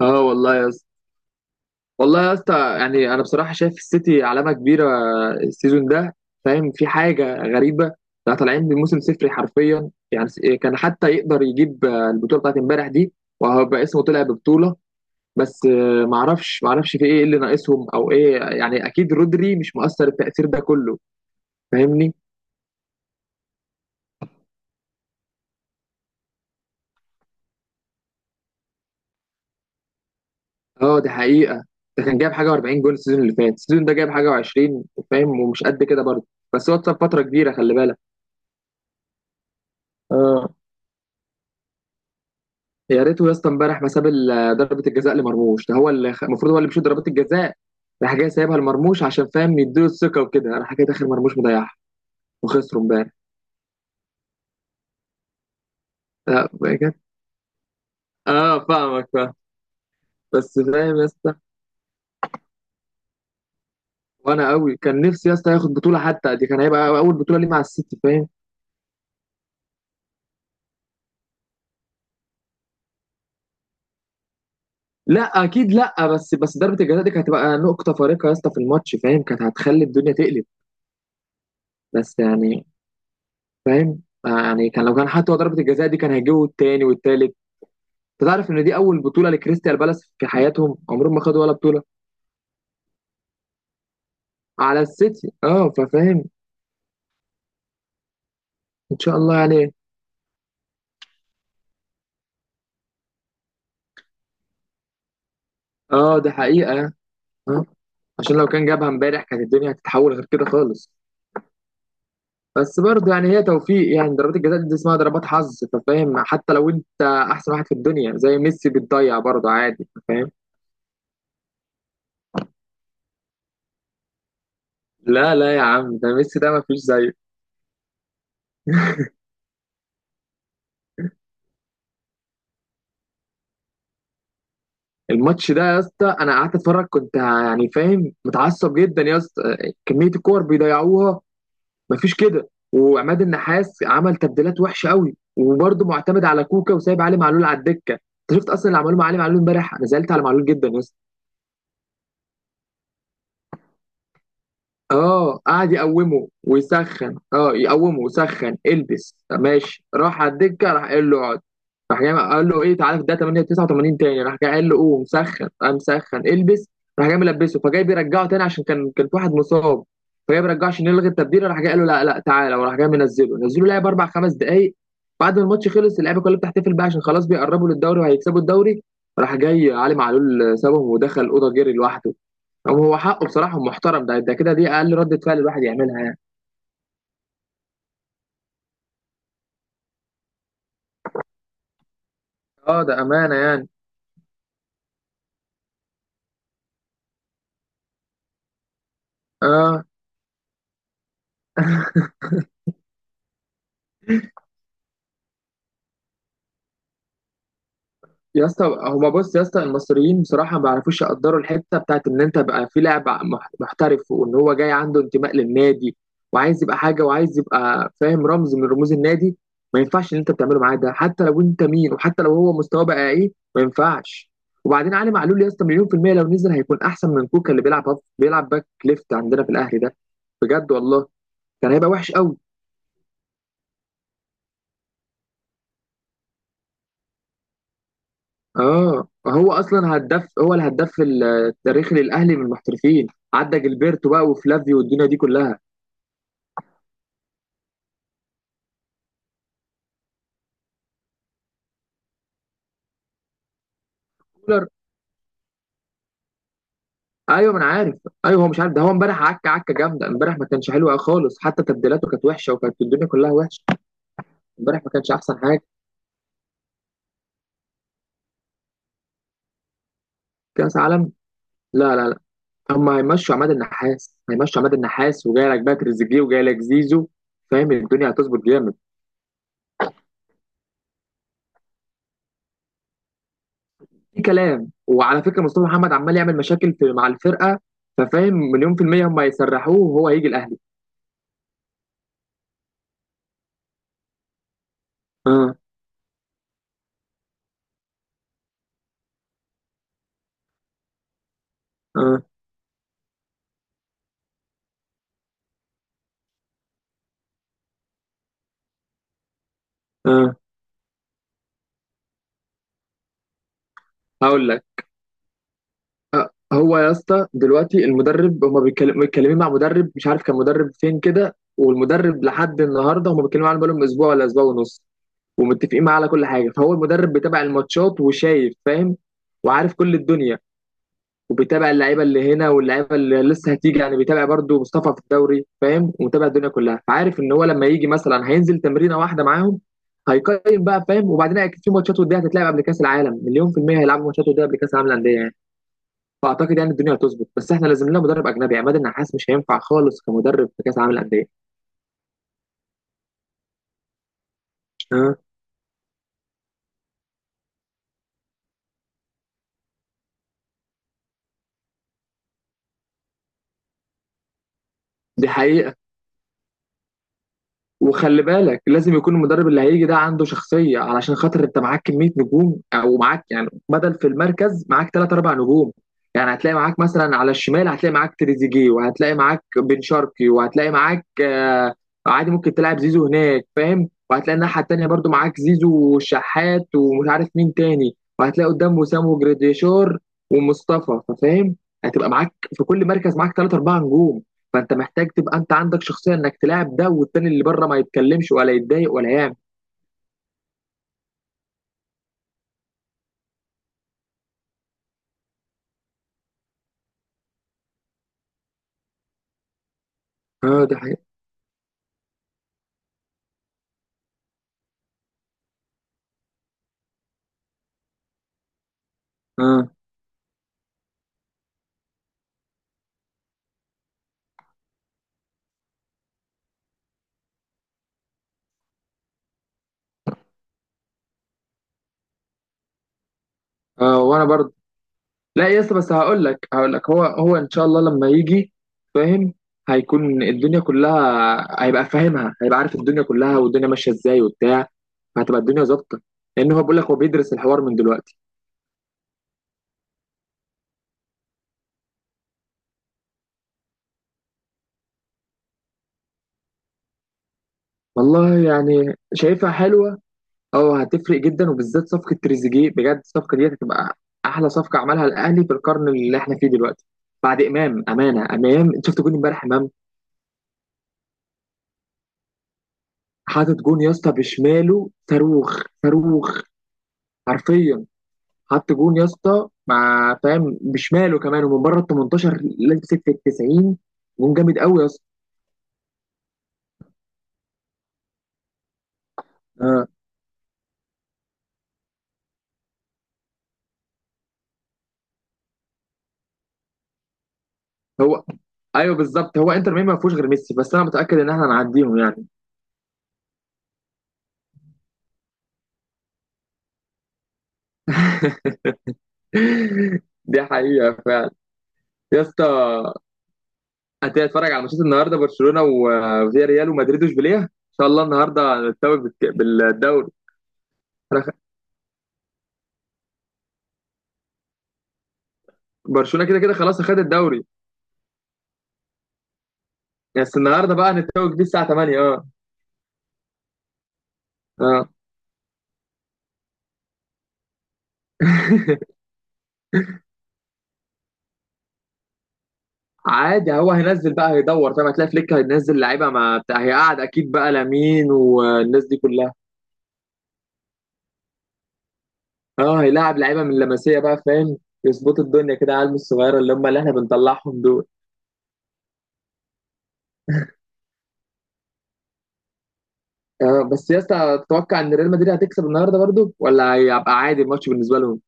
اه، والله يا اسطى، والله يا اسطى، يعني انا بصراحه شايف السيتي علامه كبيره السيزون ده. فاهم، في حاجه غريبه. ده طالعين بموسم صفري حرفيا، يعني كان حتى يقدر يجيب البطوله بتاعت امبارح دي، وهيبقى اسمه طلع ببطوله. بس معرفش في ايه اللي ناقصهم او ايه، يعني اكيد رودري مش مؤثر التاثير ده كله. فاهمني؟ اه دي حقيقه. ده كان جايب حاجه و40 جول السيزون اللي فات، السيزون ده جايب حاجه و20. فاهم؟ ومش قد كده برضه، بس هو اتصاب فتره كبيره، خلي بالك. اه، يا ريته يا اسطى امبارح ما ساب ضربه الجزاء لمرموش، ده هو اللي المفروض هو اللي بيشوط ضربات الجزاء. راح جاي سايبها لمرموش عشان فاهم يديله الثقه وكده، راح جاي داخل مرموش مضيعها، وخسروا امبارح. لا بجد. اه فاهمك، فاهم. بس فاهم يا اسطى، وانا قوي كان نفسي يا اسطى ياخد بطوله حتى دي، كان هيبقى اول بطوله ليه مع السيتي. فاهم؟ لا اكيد لا، بس ضربه الجزاء دي كانت هتبقى نقطه فارقه يا اسطى في الماتش، فاهم؟ كانت هتخلي الدنيا تقلب. بس يعني فاهم، يعني كان لو كان حتى هو ضربه الجزاء دي كان هيجيبوا التاني والتالت. انت تعرف ان دي اول بطوله لكريستال بالاس في حياتهم، عمرهم ما خدوا ولا بطوله. على السيتي، اه ففاهم. ان شاء الله يعني. اه ده حقيقه. اه، عشان لو كان جابها امبارح كانت الدنيا هتتحول غير كده خالص. بس برضه يعني هي توفيق، يعني ضربات الجزاء دي اسمها ضربات حظ، فاهم؟ حتى لو انت احسن واحد في الدنيا زي ميسي بتضيع برضه عادي، فاهم؟ لا لا يا عم، ده ميسي ده ما فيش زيه. الماتش ده يا اسطى انا قعدت اتفرج، كنت يعني فاهم متعصب جدا يا اسطى. كميه الكور بيضيعوها، مفيش كده. وعماد النحاس عمل تبديلات وحشه قوي، وبرضه معتمد على كوكا وسايب علي معلول على الدكه. انت شفت اصلا اللي عمله مع علي معلول امبارح؟ انا زعلت على معلول جدا يا اسطى. اه، قعد يقومه ويسخن، اه يقومه ويسخن، البس، ماشي، راح على الدكه، راح قال له اقعد. راح جاي قال له ايه تعالى، في ده 8 89 تاني، راح جاي قال له قوم مسخن، قام مسخن البس. راح جاي ملبسه، فجاي بيرجعه تاني عشان كان في واحد مصاب، فجاي بيرجعه عشان يلغي التبديل، راح جاي قال له لا لا تعالى، وراح جاي منزله، نزله لعب اربع خمس دقائق. بعد ما الماتش خلص اللعيبه كلها بتحتفل بقى عشان خلاص بيقربوا للدوري وهيكسبوا الدوري، راح جاي علي معلول سابهم ودخل الاوضه جري لوحده. أو هو حقه، بصراحة محترم. ده كده، دي أقل ردة فعل الواحد يعملها يعني. أه ده أمانة يعني. أه يا اسطى، هما بص يا اسطى، المصريين بصراحة ما بيعرفوش يقدروا الحتة بتاعت إن أنت بقى في لاعب محترف، وإن هو جاي عنده انتماء للنادي وعايز يبقى حاجة وعايز يبقى فاهم رمز من رموز النادي. ما ينفعش إن أنت بتعمله معاه ده حتى لو أنت مين، وحتى لو هو مستواه بقى إيه، ما ينفعش. وبعدين علي معلول يا اسطى مليون في المية لو نزل هيكون أحسن من كوكا اللي بيلعب بيلعب باك ليفت عندنا في الأهلي ده، بجد والله. كان هيبقى وحش قوي. اه هو اصلا هداف، هو الهداف التاريخي للاهلي من المحترفين، عدى جilberto بقى وفلافيو والدنيا دي كلها. كولر. ايوه ما انا عارف. ايوه هو مش عارف. ده هو امبارح عكه، عكه جامده امبارح، ما كانش حلو خالص، حتى تبديلاته كانت وحشه وكانت الدنيا كلها وحشه. امبارح ما كانش احسن حاجه. كاس عالم. لا لا لا. هم هيمشوا عماد النحاس، هيمشوا عماد النحاس وجاي لك بقى تريزيجيه وجاي لك زيزو. فاهم الدنيا هتظبط جامد. في كلام، وعلى فكره مصطفى محمد عمال يعمل مشاكل في مع الفرقه، ففاهم مليون في المية هم هيسرحوه وهو هيجي الأهلي. اه. اه. اه هقول لك. هو يا اسطى دلوقتي المدرب هما متكلمين مع مدرب، مش عارف كان مدرب فين كده، والمدرب لحد النهارده هما بيتكلموا عنه بقالهم اسبوع ولا اسبوع ونص، ومتفقين معاه على كل حاجه. فهو المدرب بيتابع الماتشات وشايف، فاهم؟ وعارف كل الدنيا، وبيتابع اللعيبه اللي هنا واللعيبه اللي لسه هتيجي، يعني بيتابع برضو مصطفى في الدوري، فاهم؟ ومتابع الدنيا كلها. فعارف ان هو لما يجي مثلا هينزل تمرينه واحده معاهم هيقيم بقى، فاهم؟ وبعدين اكيد في ماتشات وديه هتتلعب قبل كاس العالم، مليون في الميه هيلعبوا ماتشات وديه قبل كاس العالم للانديه يعني. فاعتقد يعني الدنيا هتظبط، بس احنا لازم لنا مدرب اجنبي، عماد النحاس مش هينفع خالص كمدرب في كاس العالم للانديه. ها. دي حقيقه. وخلي بالك لازم يكون المدرب اللي هيجي ده عنده شخصية علشان خاطر انت معاك كمية نجوم، او معاك يعني بدل في المركز معاك ثلاث اربع نجوم. يعني هتلاقي معاك مثلا على الشمال هتلاقي معاك تريزيجيه، وهتلاقي معاك بن شرقي، وهتلاقي معاك آه عادي ممكن تلعب زيزو هناك، فاهم؟ وهتلاقي الناحية التانية برضو معاك زيزو وشحات ومش عارف مين تاني، وهتلاقي قدام وسام وجراديشار ومصطفى، فاهم؟ هتبقى معاك في كل مركز معاك ثلاث اربع نجوم. فانت محتاج تبقى انت عندك شخصيه انك تلاعب ده والتاني اللي بره ما يتكلمش ولا يتضايق ولا يعمل. اه ده حقيقي. اه. اه وانا برضه. لا يا اسطى، بس هقول لك هو ان شاء الله لما يجي، فاهم؟ هيكون الدنيا كلها هيبقى فاهمها، هيبقى عارف الدنيا كلها والدنيا ماشيه ازاي وبتاع، فهتبقى الدنيا ظابطه، لان هو بيقول لك هو بيدرس الحوار من دلوقتي. والله يعني شايفها حلوه. اه هتفرق جدا، وبالذات صفقه تريزيجيه. بجد الصفقه دي هتبقى احلى صفقه عملها الاهلي في القرن اللي احنا فيه دلوقتي بعد امام. امانه امام، انت شفت جون امبارح امام؟ حاطط جون يا اسطى بشماله، صاروخ صاروخ حرفيا. حط جون يا اسطى مع فاهم بشماله كمان، ومن بره ال 18 لمسك في ال 90. جون جامد قوي يا اسطى. آه. هو ايوه بالظبط، هو انتر ميامي ما فيهوش غير ميسي، بس انا متاكد ان احنا هنعديهم يعني. دي حقيقه فعلا. يا اسطى هتيجي اتفرج على ماتشات النهارده؟ برشلونه وفيا، ريال ومدريد واشبيليه. ان شاء الله النهارده هنتوج بالدوري. أنا خ- برشلونه كده كده خلاص اخد الدوري. بس النهارده بقى هنتوج بيه الساعه 8. اه اه. عادي هو هينزل بقى هيدور، فاهم؟ هتلاقي فليك هينزل لعيبه ما بتاع، هيقعد اكيد بقى لامين والناس دي كلها. اه هيلاعب لعيبه من لمسيه بقى، فاهم؟ يظبطوا الدنيا كده، عالم الصغيره اللي هم اللي احنا بنطلعهم دول. آه بس يا اسطى، تتوقع ان ريال مدريد هتكسب النهارده برضو ولا هيبقى عادي الماتش بالنسبه لهم؟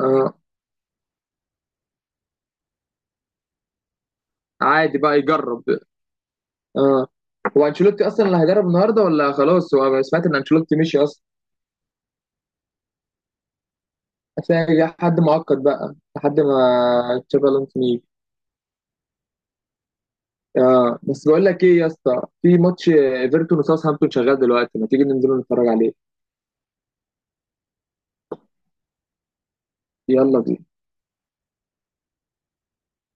آه. عادي بقى يجرب. اه، هو انشيلوتي اصلا اللي هيدرب النهارده ولا خلاص؟ هو أنا سمعت ان انشيلوتي مشي اصلا. هتلاقي جه حد معقد بقى لحد ما تشافي الونسو يجي. اه بس بقول لك ايه يا اسطى، في ماتش ايفرتون وساوثهامبتون شغال دلوقتي، ما تيجي ننزل نتفرج عليه. يلا بينا.